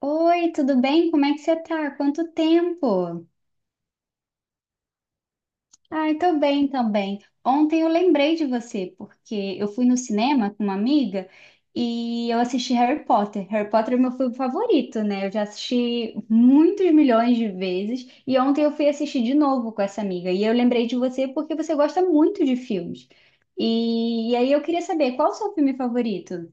Oi, tudo bem? Como é que você tá? Quanto tempo? Ai, tô bem também. Ontem eu lembrei de você, porque eu fui no cinema com uma amiga e eu assisti Harry Potter. Harry Potter é meu filme favorito, né? Eu já assisti muitos milhões de vezes e ontem eu fui assistir de novo com essa amiga. E eu lembrei de você porque você gosta muito de filmes. E aí eu queria saber qual o seu filme favorito?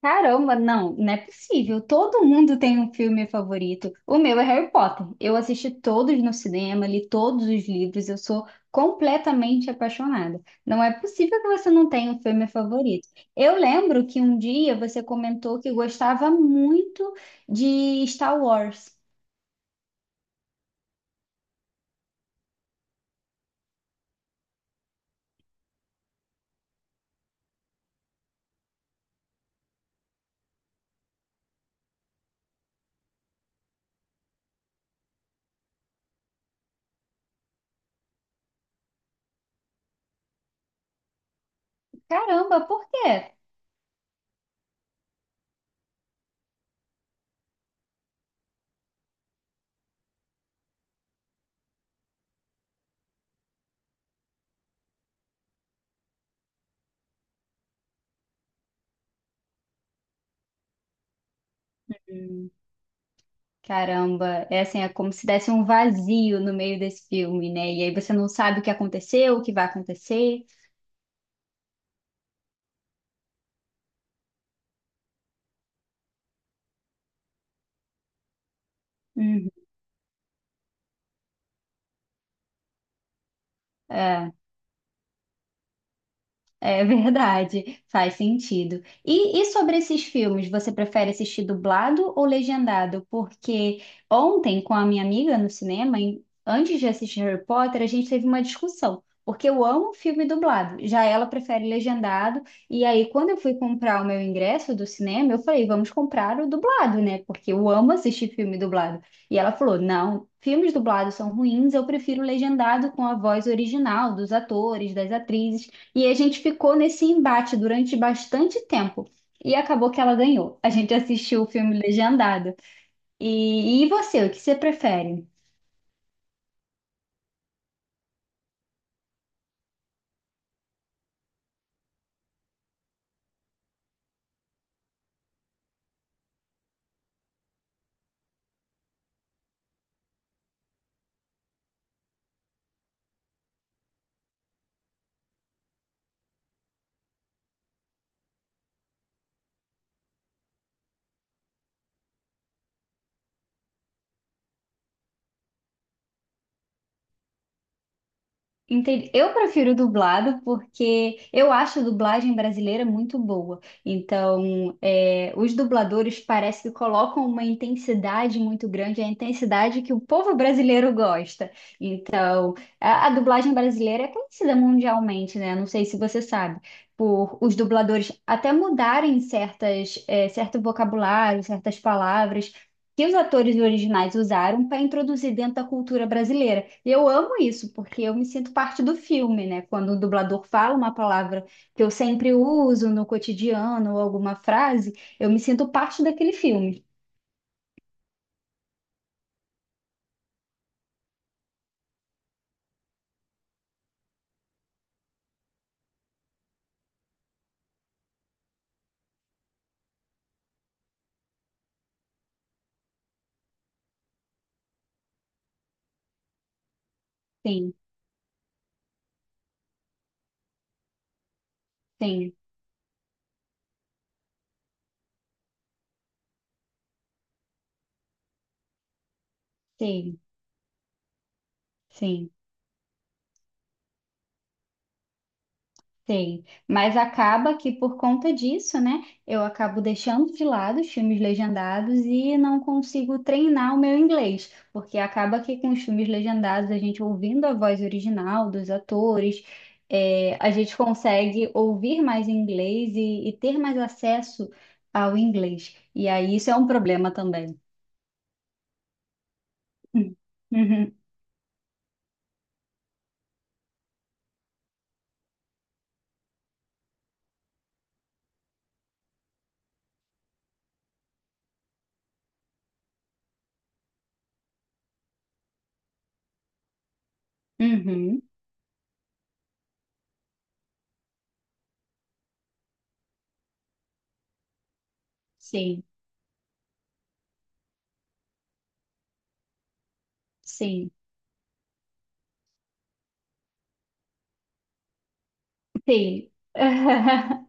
Caramba, não, não é possível. Todo mundo tem um filme favorito. O meu é Harry Potter. Eu assisti todos no cinema, li todos os livros, eu sou completamente apaixonada. Não é possível que você não tenha um filme favorito. Eu lembro que um dia você comentou que gostava muito de Star Wars. Caramba, por quê? Hum. Caramba, é assim, é como se desse um vazio no meio desse filme, né? E aí você não sabe o que aconteceu, o que vai acontecer. Uhum, é. É verdade, faz sentido. E sobre esses filmes, você prefere assistir dublado ou legendado? Porque ontem, com a minha amiga no cinema, antes de assistir Harry Potter, a gente teve uma discussão. Porque eu amo filme dublado, já ela prefere legendado. E aí, quando eu fui comprar o meu ingresso do cinema, eu falei, vamos comprar o dublado, né? Porque eu amo assistir filme dublado. E ela falou, não, filmes dublados são ruins, eu prefiro legendado com a voz original dos atores, das atrizes. E a gente ficou nesse embate durante bastante tempo. E acabou que ela ganhou. A gente assistiu o filme legendado. E você, o que você prefere? Entendi. Eu prefiro dublado porque eu acho a dublagem brasileira muito boa. Então, os dubladores parece que colocam uma intensidade muito grande, a intensidade que o povo brasileiro gosta. Então, a dublagem brasileira é conhecida mundialmente, né? Não sei se você sabe, por os dubladores até mudarem certas, certo vocabulário, certas palavras que os atores originais usaram para introduzir dentro da cultura brasileira. E eu amo isso, porque eu me sinto parte do filme, né? Quando o dublador fala uma palavra que eu sempre uso no cotidiano ou alguma frase, eu me sinto parte daquele filme. Sim, sim, sim, sim. Sei, mas acaba que por conta disso, né, eu acabo deixando de lado os filmes legendados e não consigo treinar o meu inglês, porque acaba que com os filmes legendados, a gente ouvindo a voz original dos atores, é, a gente consegue ouvir mais inglês e ter mais acesso ao inglês. E aí isso é um problema também. Hum. Uhum, uhum, sim, sim, sim.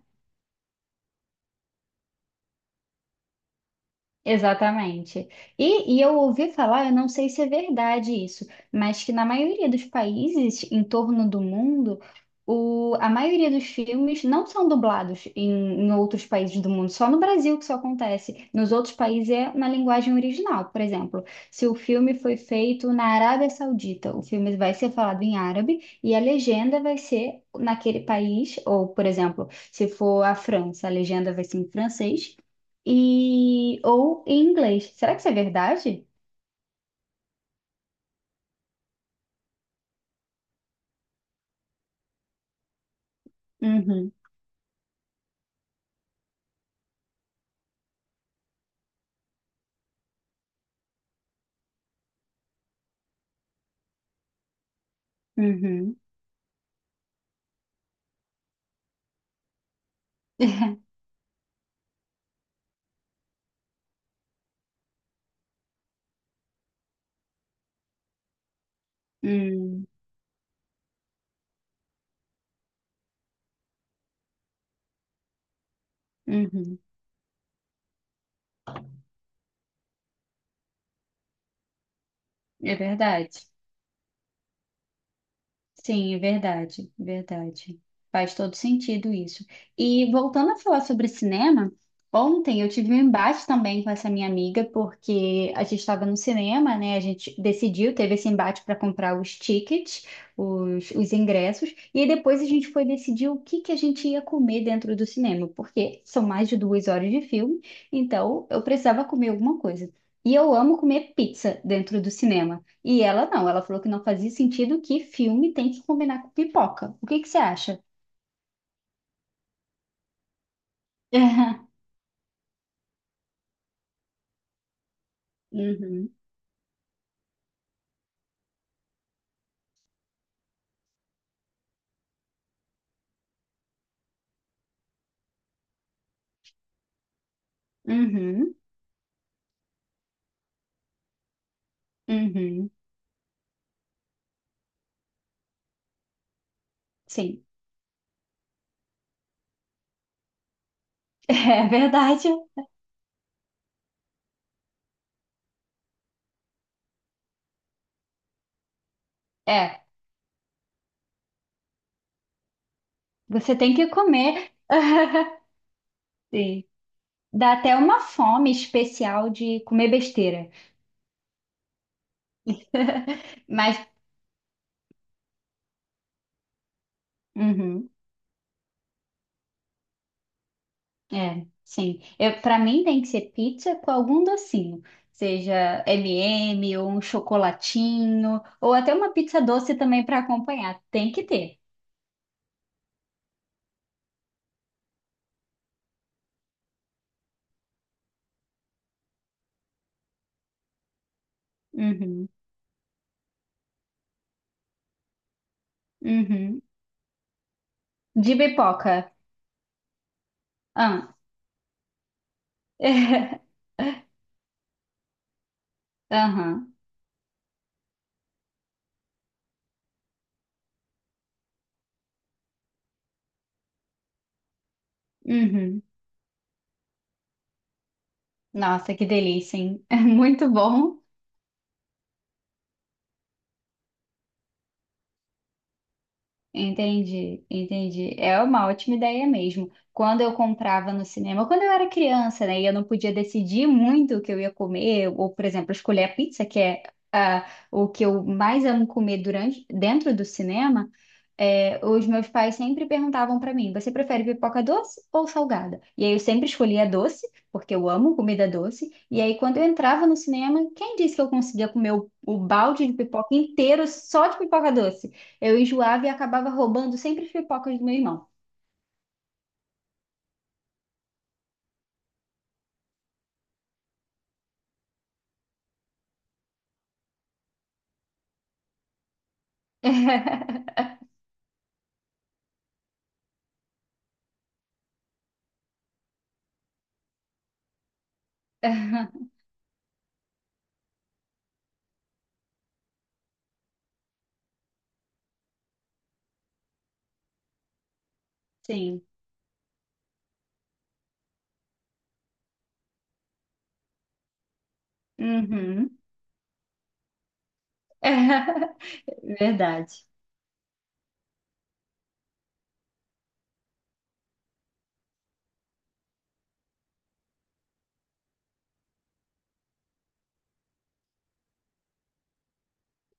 Exatamente. E eu ouvi falar, eu não sei se é verdade isso, mas que na maioria dos países em torno do mundo, a maioria dos filmes não são dublados em outros países do mundo, só no Brasil que isso acontece. Nos outros países é na linguagem original. Por exemplo, se o filme foi feito na Arábia Saudita, o filme vai ser falado em árabe e a legenda vai ser naquele país, ou, por exemplo, se for a França, a legenda vai ser em francês. E ou em inglês. Será que isso é verdade? Uhum, uhum, hum, uhum. É verdade. Sim, é verdade, verdade. Faz todo sentido isso. E voltando a falar sobre cinema, ontem eu tive um embate também com essa minha amiga, porque a gente estava no cinema, né? A gente decidiu, teve esse embate para comprar os tickets, os ingressos, e aí depois a gente foi decidir o que que a gente ia comer dentro do cinema, porque são mais de duas horas de filme, então eu precisava comer alguma coisa. E eu amo comer pizza dentro do cinema. E ela não, ela falou que não fazia sentido que filme tem que combinar com pipoca. O que que você acha? Uhum, uhum, uhum. Sim, é verdade. É, você tem que comer. Sim. Dá até uma fome especial de comer besteira. Mas, uhum, é, sim. Eu, para mim tem que ser pizza com algum docinho, seja M&M ou um chocolatinho, ou até uma pizza doce também para acompanhar. Tem que ter. Uhum. Uhum. De pipoca. Ah. Aham. Uhum. Nossa, que delícia, hein? Muito bom. Entendi, entendi. É uma ótima ideia mesmo. Quando eu comprava no cinema, quando eu era criança, né, e eu não podia decidir muito o que eu ia comer, ou, por exemplo, escolher a pizza, que é ah, o que eu mais amo comer durante, dentro do cinema, é, os meus pais sempre perguntavam para mim: você prefere pipoca doce ou salgada? E aí eu sempre escolhia doce, porque eu amo comida doce. E aí quando eu entrava no cinema, quem disse que eu conseguia comer o balde de pipoca inteiro só de pipoca doce? Eu enjoava e acabava roubando sempre as pipocas do meu irmão. Sim. Uhum. Verdade.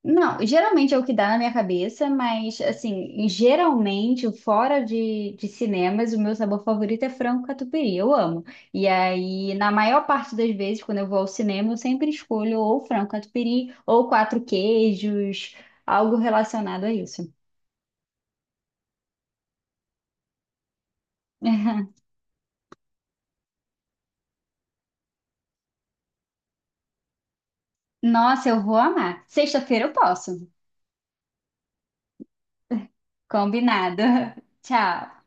Não, geralmente é o que dá na minha cabeça, mas assim, geralmente, fora de cinemas, o meu sabor favorito é frango catupiry, eu amo. E aí, na maior parte das vezes, quando eu vou ao cinema, eu sempre escolho ou frango catupiry ou quatro queijos, algo relacionado a isso. Nossa, eu vou amar. Sexta-feira eu posso. Combinado. Tchau.